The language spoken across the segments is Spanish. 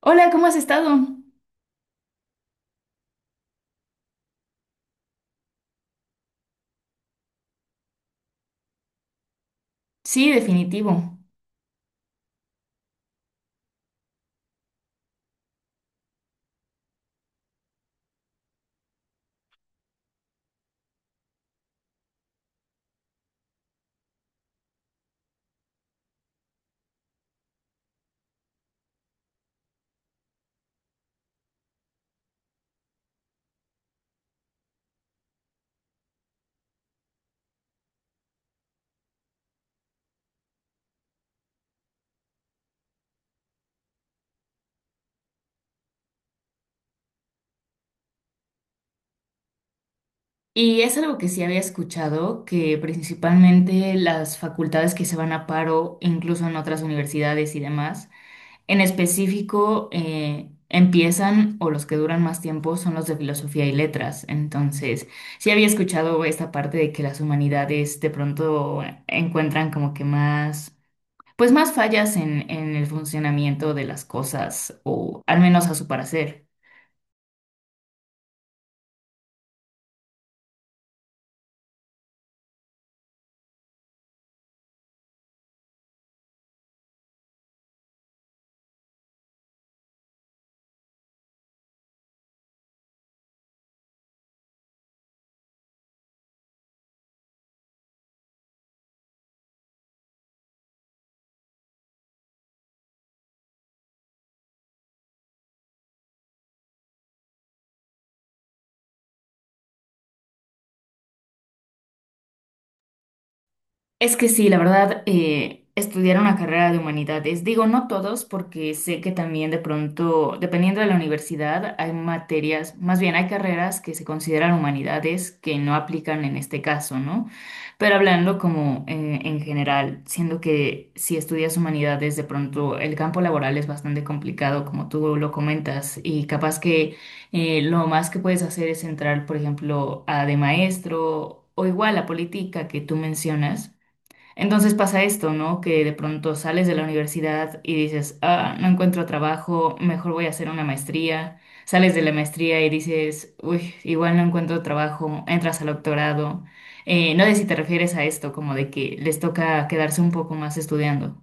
Hola, ¿cómo has estado? Sí, definitivo. Y es algo que sí había escuchado, que principalmente las facultades que se van a paro, incluso en otras universidades y demás, en específico empiezan o los que duran más tiempo son los de Filosofía y Letras. Entonces, sí había escuchado esta parte de que las humanidades de pronto encuentran como que Pues más fallas en el funcionamiento de las cosas, o al menos a su parecer. Es que sí, la verdad, estudiar una carrera de humanidades, digo, no todos, porque sé que también de pronto, dependiendo de la universidad, hay materias, más bien hay carreras que se consideran humanidades que no aplican en este caso, ¿no? Pero hablando como en general, siendo que si estudias humanidades, de pronto el campo laboral es bastante complicado, como tú lo comentas, y capaz que lo más que puedes hacer es entrar, por ejemplo, a de maestro o igual a política que tú mencionas, entonces pasa esto, ¿no? Que de pronto sales de la universidad y dices, ah, no encuentro trabajo, mejor voy a hacer una maestría. Sales de la maestría y dices, uy, igual no encuentro trabajo, entras al doctorado. No sé si te refieres a esto, como de que les toca quedarse un poco más estudiando.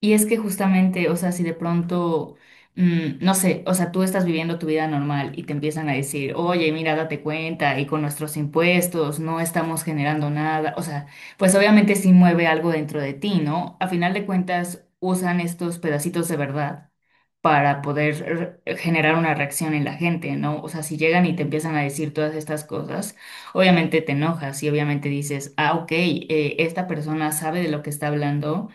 Y es que justamente, o sea, si de pronto, no sé, o sea, tú estás viviendo tu vida normal y te empiezan a decir, oye, mira, date cuenta, y con nuestros impuestos no estamos generando nada, o sea, pues obviamente sí mueve algo dentro de ti, ¿no? A final de cuentas, usan estos pedacitos de verdad para poder generar una reacción en la gente, ¿no? O sea, si llegan y te empiezan a decir todas estas cosas, obviamente te enojas y obviamente dices, ah, ok, esta persona sabe de lo que está hablando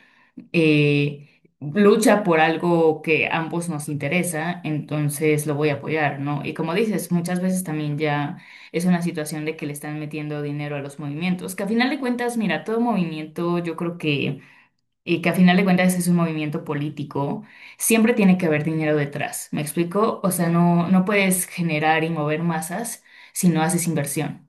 eh, lucha por algo que ambos nos interesa, entonces lo voy a apoyar, ¿no? Y como dices, muchas veces también ya es una situación de que le están metiendo dinero a los movimientos, que a final de cuentas, mira, todo movimiento, yo creo que, y que a final de cuentas es un movimiento político, siempre tiene que haber dinero detrás, ¿me explico? O sea, no, no puedes generar y mover masas si no haces inversión.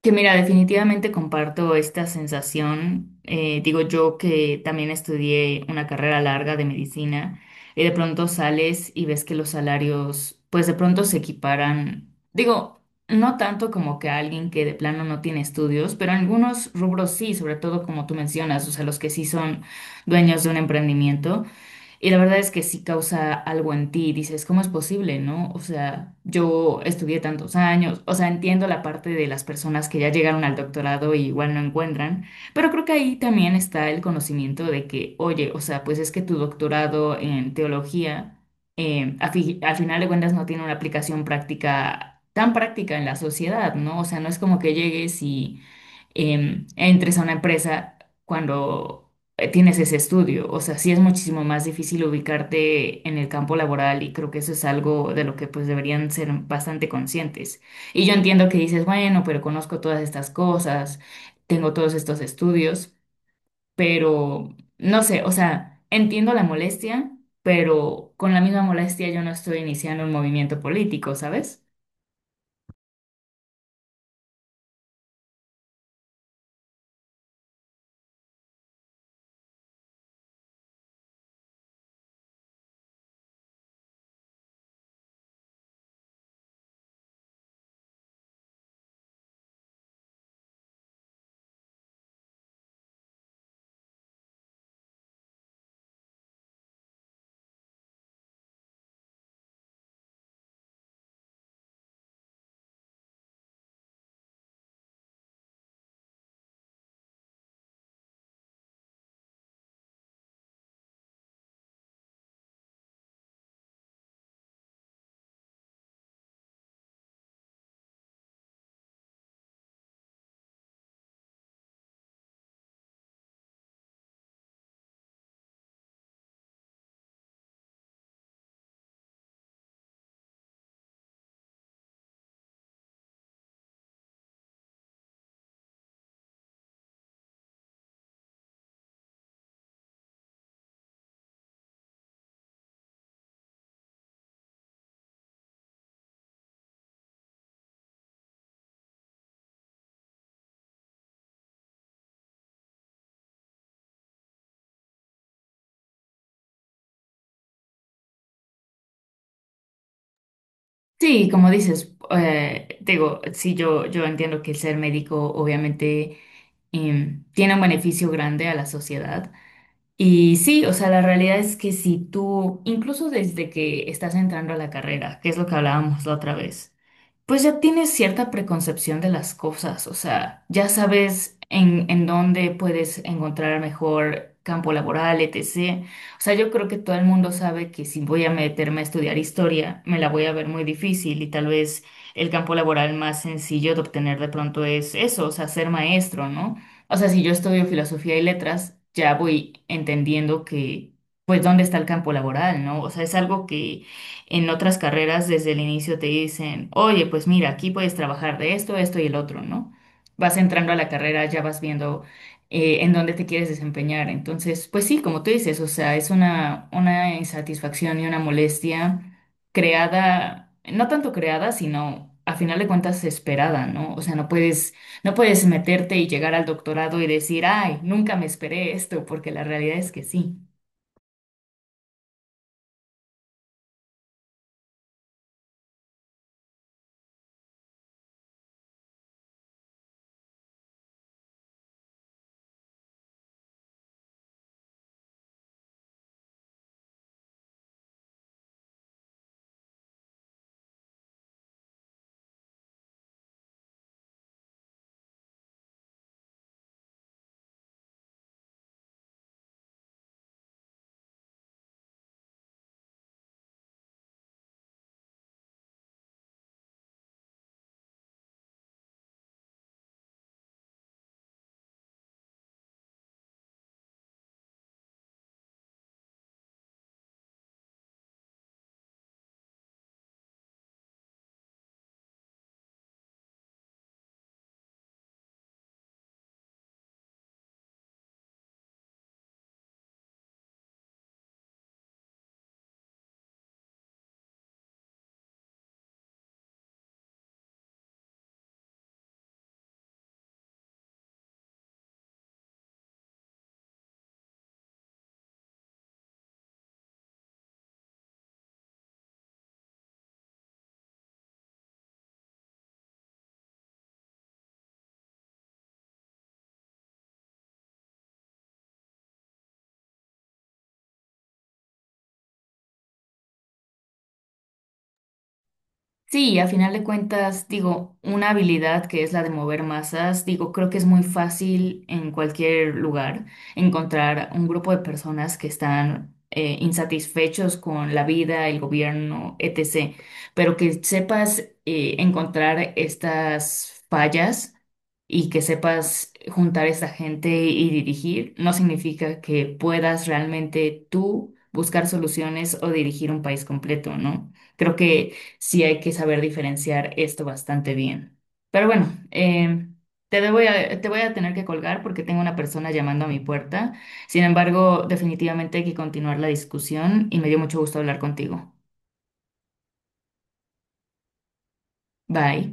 Que mira, definitivamente comparto esta sensación. Digo yo que también estudié una carrera larga de medicina y de pronto sales y ves que los salarios pues de pronto se equiparan. Digo, no tanto como que a alguien que de plano no tiene estudios, pero en algunos rubros sí, sobre todo como tú mencionas, o sea, los que sí son dueños de un emprendimiento. Y la verdad es que sí causa algo en ti, dices, ¿cómo es posible, no? O sea, yo estudié tantos años, o sea, entiendo la parte de las personas que ya llegaron al doctorado y igual no encuentran, pero creo que ahí también está el conocimiento de que, oye, o sea, pues es que tu doctorado en teología, al final de cuentas no tiene una aplicación práctica, tan práctica en la sociedad, ¿no? O sea, no es como que llegues y entres a una empresa cuando tienes ese estudio. O sea, sí es muchísimo más difícil ubicarte en el campo laboral y creo que eso es algo de lo que pues deberían ser bastante conscientes. Y yo entiendo que dices, bueno, pero conozco todas estas cosas, tengo todos estos estudios, pero no sé, o sea, entiendo la molestia, pero con la misma molestia yo no estoy iniciando un movimiento político, ¿sabes? Sí, como dices, digo, sí, yo entiendo que el ser médico obviamente tiene un beneficio grande a la sociedad. Y sí, o sea, la realidad es que si tú, incluso desde que estás entrando a la carrera, que es lo que hablábamos la otra vez, pues ya tienes cierta preconcepción de las cosas, o sea, ya sabes en dónde puedes encontrar mejor campo laboral, etc. O sea, yo creo que todo el mundo sabe que si voy a meterme a estudiar historia, me la voy a ver muy difícil y tal vez el campo laboral más sencillo de obtener de pronto es eso, o sea, ser maestro, ¿no? O sea, si yo estudio filosofía y letras, ya voy entendiendo que, pues, dónde está el campo laboral, ¿no? O sea, es algo que en otras carreras desde el inicio te dicen, oye, pues mira, aquí puedes trabajar de esto, esto y el otro, ¿no? Vas entrando a la carrera, ya vas viendo en dónde te quieres desempeñar. Entonces, pues sí, como tú dices, o sea, es una insatisfacción y una molestia creada, no tanto creada, sino a final de cuentas esperada, ¿no? O sea, no puedes meterte y llegar al doctorado y decir, ay, nunca me esperé esto, porque la realidad es que sí. Sí, a final de cuentas, digo, una habilidad que es la de mover masas, digo, creo que es muy fácil en cualquier lugar encontrar un grupo de personas que están insatisfechos con la vida, el gobierno, etc. Pero que sepas encontrar estas fallas y que sepas juntar a esta gente y dirigir, no significa que puedas realmente tú buscar soluciones o dirigir un país completo, ¿no? Creo que sí hay que saber diferenciar esto bastante bien. Pero bueno, te voy a tener que colgar porque tengo una persona llamando a mi puerta. Sin embargo, definitivamente hay que continuar la discusión y me dio mucho gusto hablar contigo. Bye.